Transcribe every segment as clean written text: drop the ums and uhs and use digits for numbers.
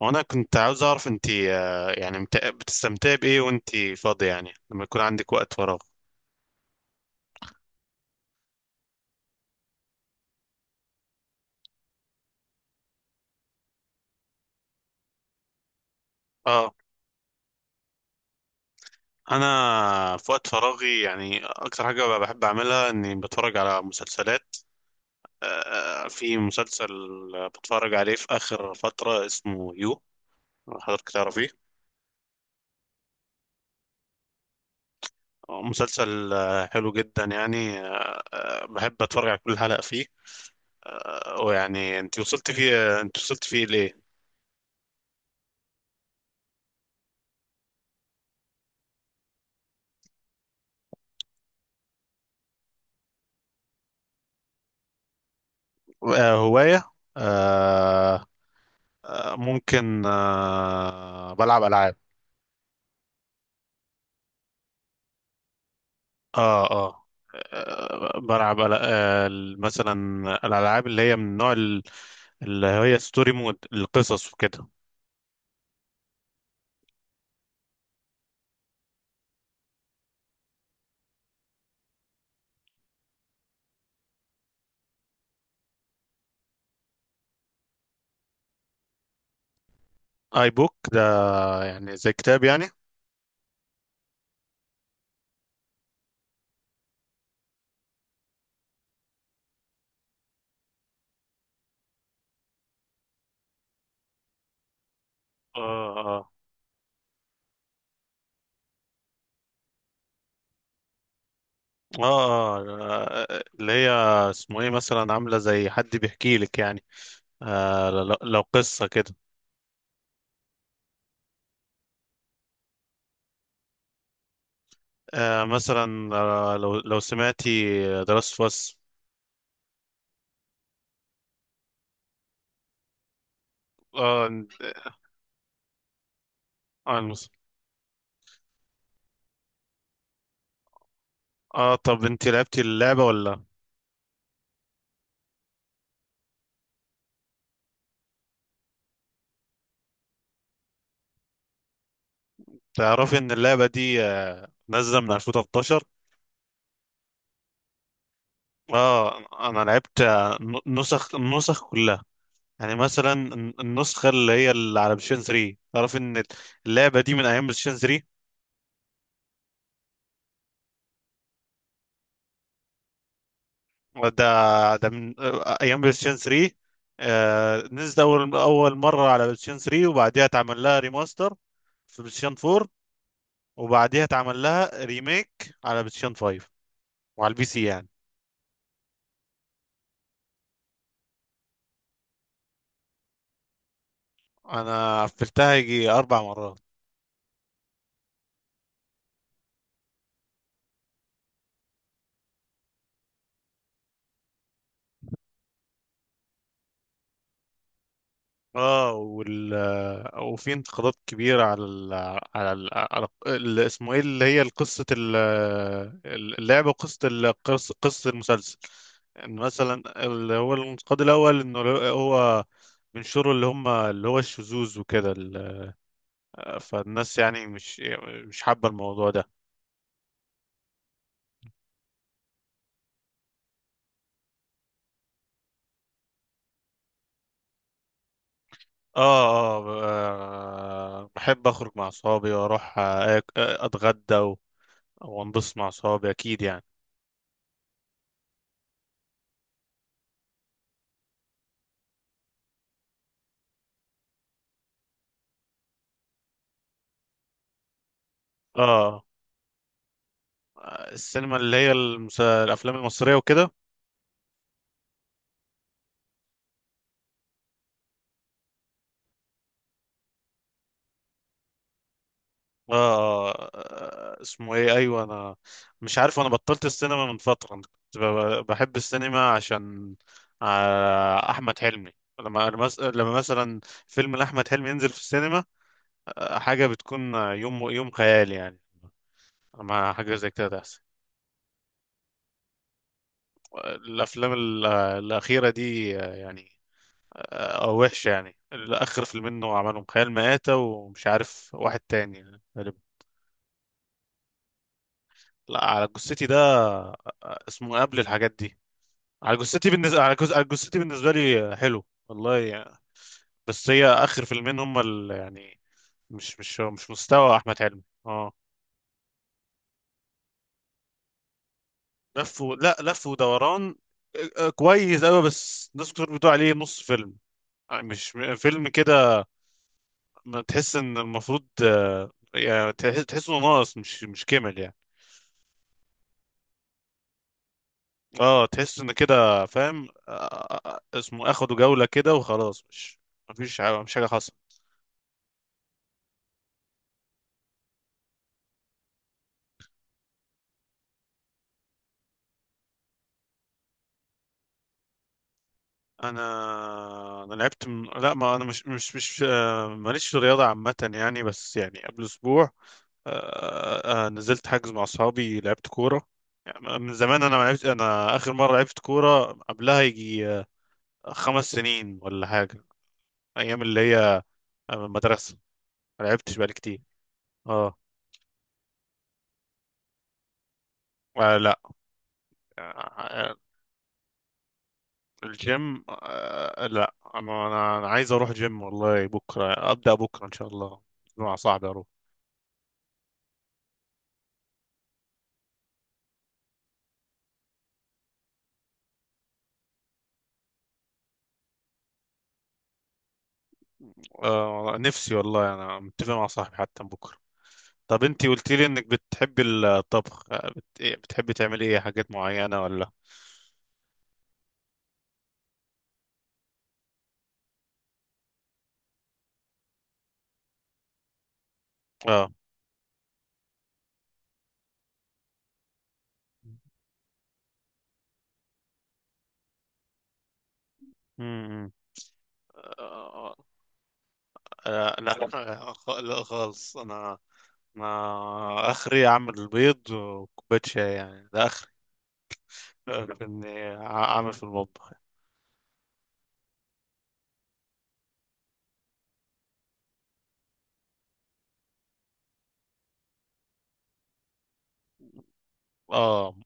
وانا كنت عاوز اعرف انت يعني بتستمتعي بايه وانت فاضية، يعني لما يكون عندك وقت فراغ. اه انا في وقت فراغي يعني اكتر حاجة بحب اعملها اني بتفرج على مسلسلات. في مسلسل بتفرج عليه في اخر فترة اسمه يو، حضرتك تعرفيه؟ مسلسل حلو جدا يعني، بحب اتفرج على كل حلقة فيه. ويعني انت وصلت فيه ليه؟ هواية؟ ممكن، بلعب العاب. اه اه بلعب مثلا الالعاب اللي هي من اللي هي ستوري مود، القصص وكده. اي بوك ده يعني زي كتاب يعني؟ اه اه اللي هي اسمه ايه، مثلا عاملة زي حد بيحكي لك يعني، لو قصة كده؟ مثلا لو سمعتي دراسة فاس. اه عن- عن- اه، طب انت لعبتي اللعبة ولا؟ تعرفي ان اللعبه دي نازله من 2013؟ اه، انا لعبت، آه، نسخ النسخ كلها، يعني مثلا النسخه اللي هي اللي على بلايستيشن 3. تعرف ان اللعبه دي من ايام بلايستيشن 3؟ ده من ايام بلايستيشن 3. نزلت اول مره على بلايستيشن 3، وبعديها اتعمل لها ريماستر في بلايستيشن 4، وبعديها اتعمل لها ريميك على بلايستيشن 5، وعلى البي سي يعني. انا قفلتها يجي 4 مرات. اه وال وفي انتقادات كبيرة على اسمه ايه، اللي هي قصة اللعبة وقصة قصة المسلسل. ان مثلا اللي هو الانتقاد الاول انه هو بينشروا اللي هم اللي هو الشذوذ وكده فالناس يعني مش حابة الموضوع ده. بحب اخرج مع اصحابي واروح اتغدى وانبسط مع اصحابي اكيد يعني. اه السينما اللي هي الافلام المصريه وكده. اسمه ايه، ايوه انا مش عارف، انا بطلت السينما من فتره. أنا كنت بحب السينما عشان احمد حلمي. لما مثلا فيلم لاحمد حلمي ينزل في السينما، حاجه بتكون يوم يوم خيال يعني مع حاجه زي كده تحصل. الاخيره دي يعني وحشه يعني، اخر فيلمين منه عملهم خيال مآتة ومش عارف واحد تاني يعني. لا، على جثتي ده آه، اسمه قبل الحاجات دي. على جثتي بالنسبه، على جثتي بالنسبه لي حلو والله يعني. بس هي اخر فيلمين هم يعني مش مستوى احمد حلمي اه. لا لف ودوران كويس قوي، بس ناس كتير بتقول عليه نص فيلم يعني، مش م- فيلم كده ما تحس ان المفروض يعني تحس انه ناقص، مش كامل يعني. اه، تحس ان كده فاهم، اسمه اخدوا جولة كده وخلاص، مش مفيش حاجة، مش حاجة حصلت. انا لعبت لا، ما انا مش مش مش آه، ماليش في الرياضه عامه يعني، بس يعني قبل اسبوع نزلت حجز مع اصحابي لعبت كوره. يعني من زمان انا ما لعبت، انا اخر مره لعبت كوره قبلها يجي 5 سنين ولا حاجه، ايام اللي هي المدرسه. ما لعبتش بقالي كتير اه. لا. آه، الجيم لا. انا أنا عايز اروح جيم والله، بكره ابدا بكره ان شاء الله مع صاحبي اروح. آه، نفسي والله، انا متفق مع صاحبي حتى بكره. طب انتي قلت لي انك بتحبي الطبخ، آه، بت... إيه، بتحبي تعملي ايه، حاجات معينه ولا؟ اه. امم. آه لا، لا خالص. انا، اخري اعمل بيض وكوبايه شاي يعني، ده اخري في اني اعمل في المطبخ. اه،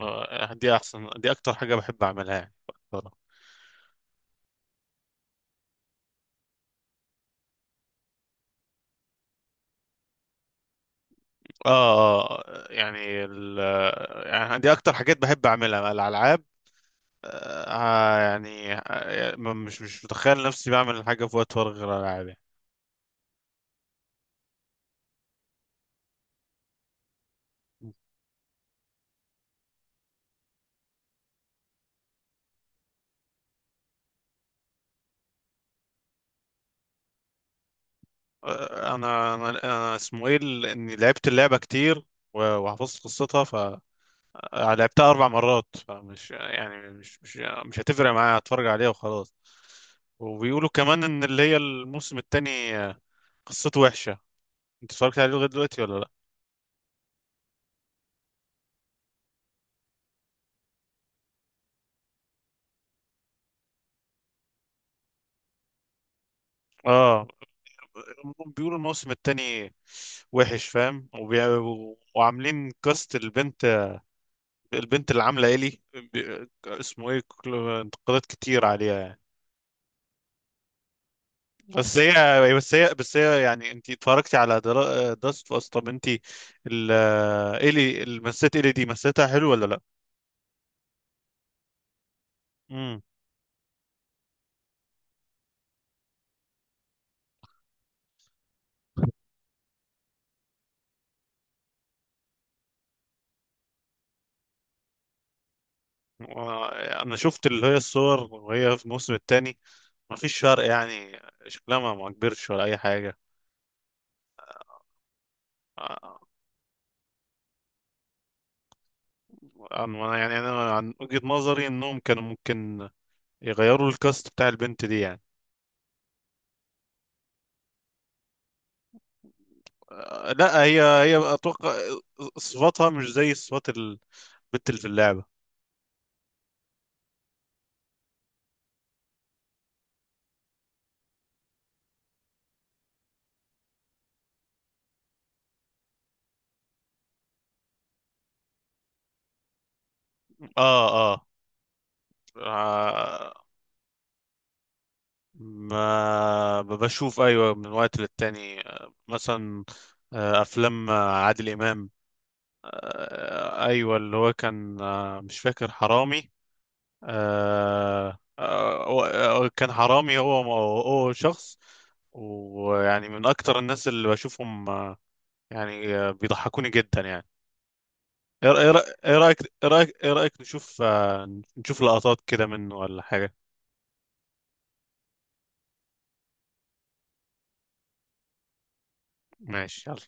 دي احسن، دي اكتر حاجه بحب اعملها يعني. اه، يعني ال... يعني دي اكتر حاجات بحب اعملها الالعاب. مش متخيل نفسي بعمل حاجة في وقت فراغ غير ألعاب يعني. آه، أنا أنا أنا اسمه إيه إني لعبت اللعبة كتير وحفظت قصتها، فلعبتها أربع مرات، فمش يعني مش هتفرق معايا هتفرج عليها وخلاص. وبيقولوا كمان إن اللي هي الموسم التاني قصته وحشة. أنت اتفرجت عليه لغاية دلوقتي ولا لأ؟ آه، بيقولوا الموسم التاني وحش فاهم وعاملين كاست البنت، اللي عامله الي اسمه ايه، انتقادات كتير عليها يعني. بس هي يعني انت اتفرجتي على داست اوف اس؟ طب انت ال- الي المسات الي دي مسيتها حلو ولا لا؟ امم. انا شفت اللي هي الصور وهي في الموسم الثاني، ما فيش فرق يعني، شكلها ما كبرش ولا اي حاجه. آه، يعني انا عن وجهة نظري انهم كانوا ممكن يغيروا الكاست بتاع البنت دي يعني. لا، هي اتوقع صفاتها مش زي صفات البت اللي في اللعبه. اه اه آه، ما ب- بشوف ايوه من وقت للتاني، مثلا افلام عادل امام، ايوه اللي هو كان مش فاكر حرامي، كان حرامي، هو شخص ويعني من اكتر الناس اللي بشوفهم يعني بيضحكوني جدا يعني. ايه رأ- إيه رأ- إيه رايك، ايه رايك نشوف نشوف لقطات كده منه ولا حاجه؟ ماشي يلا.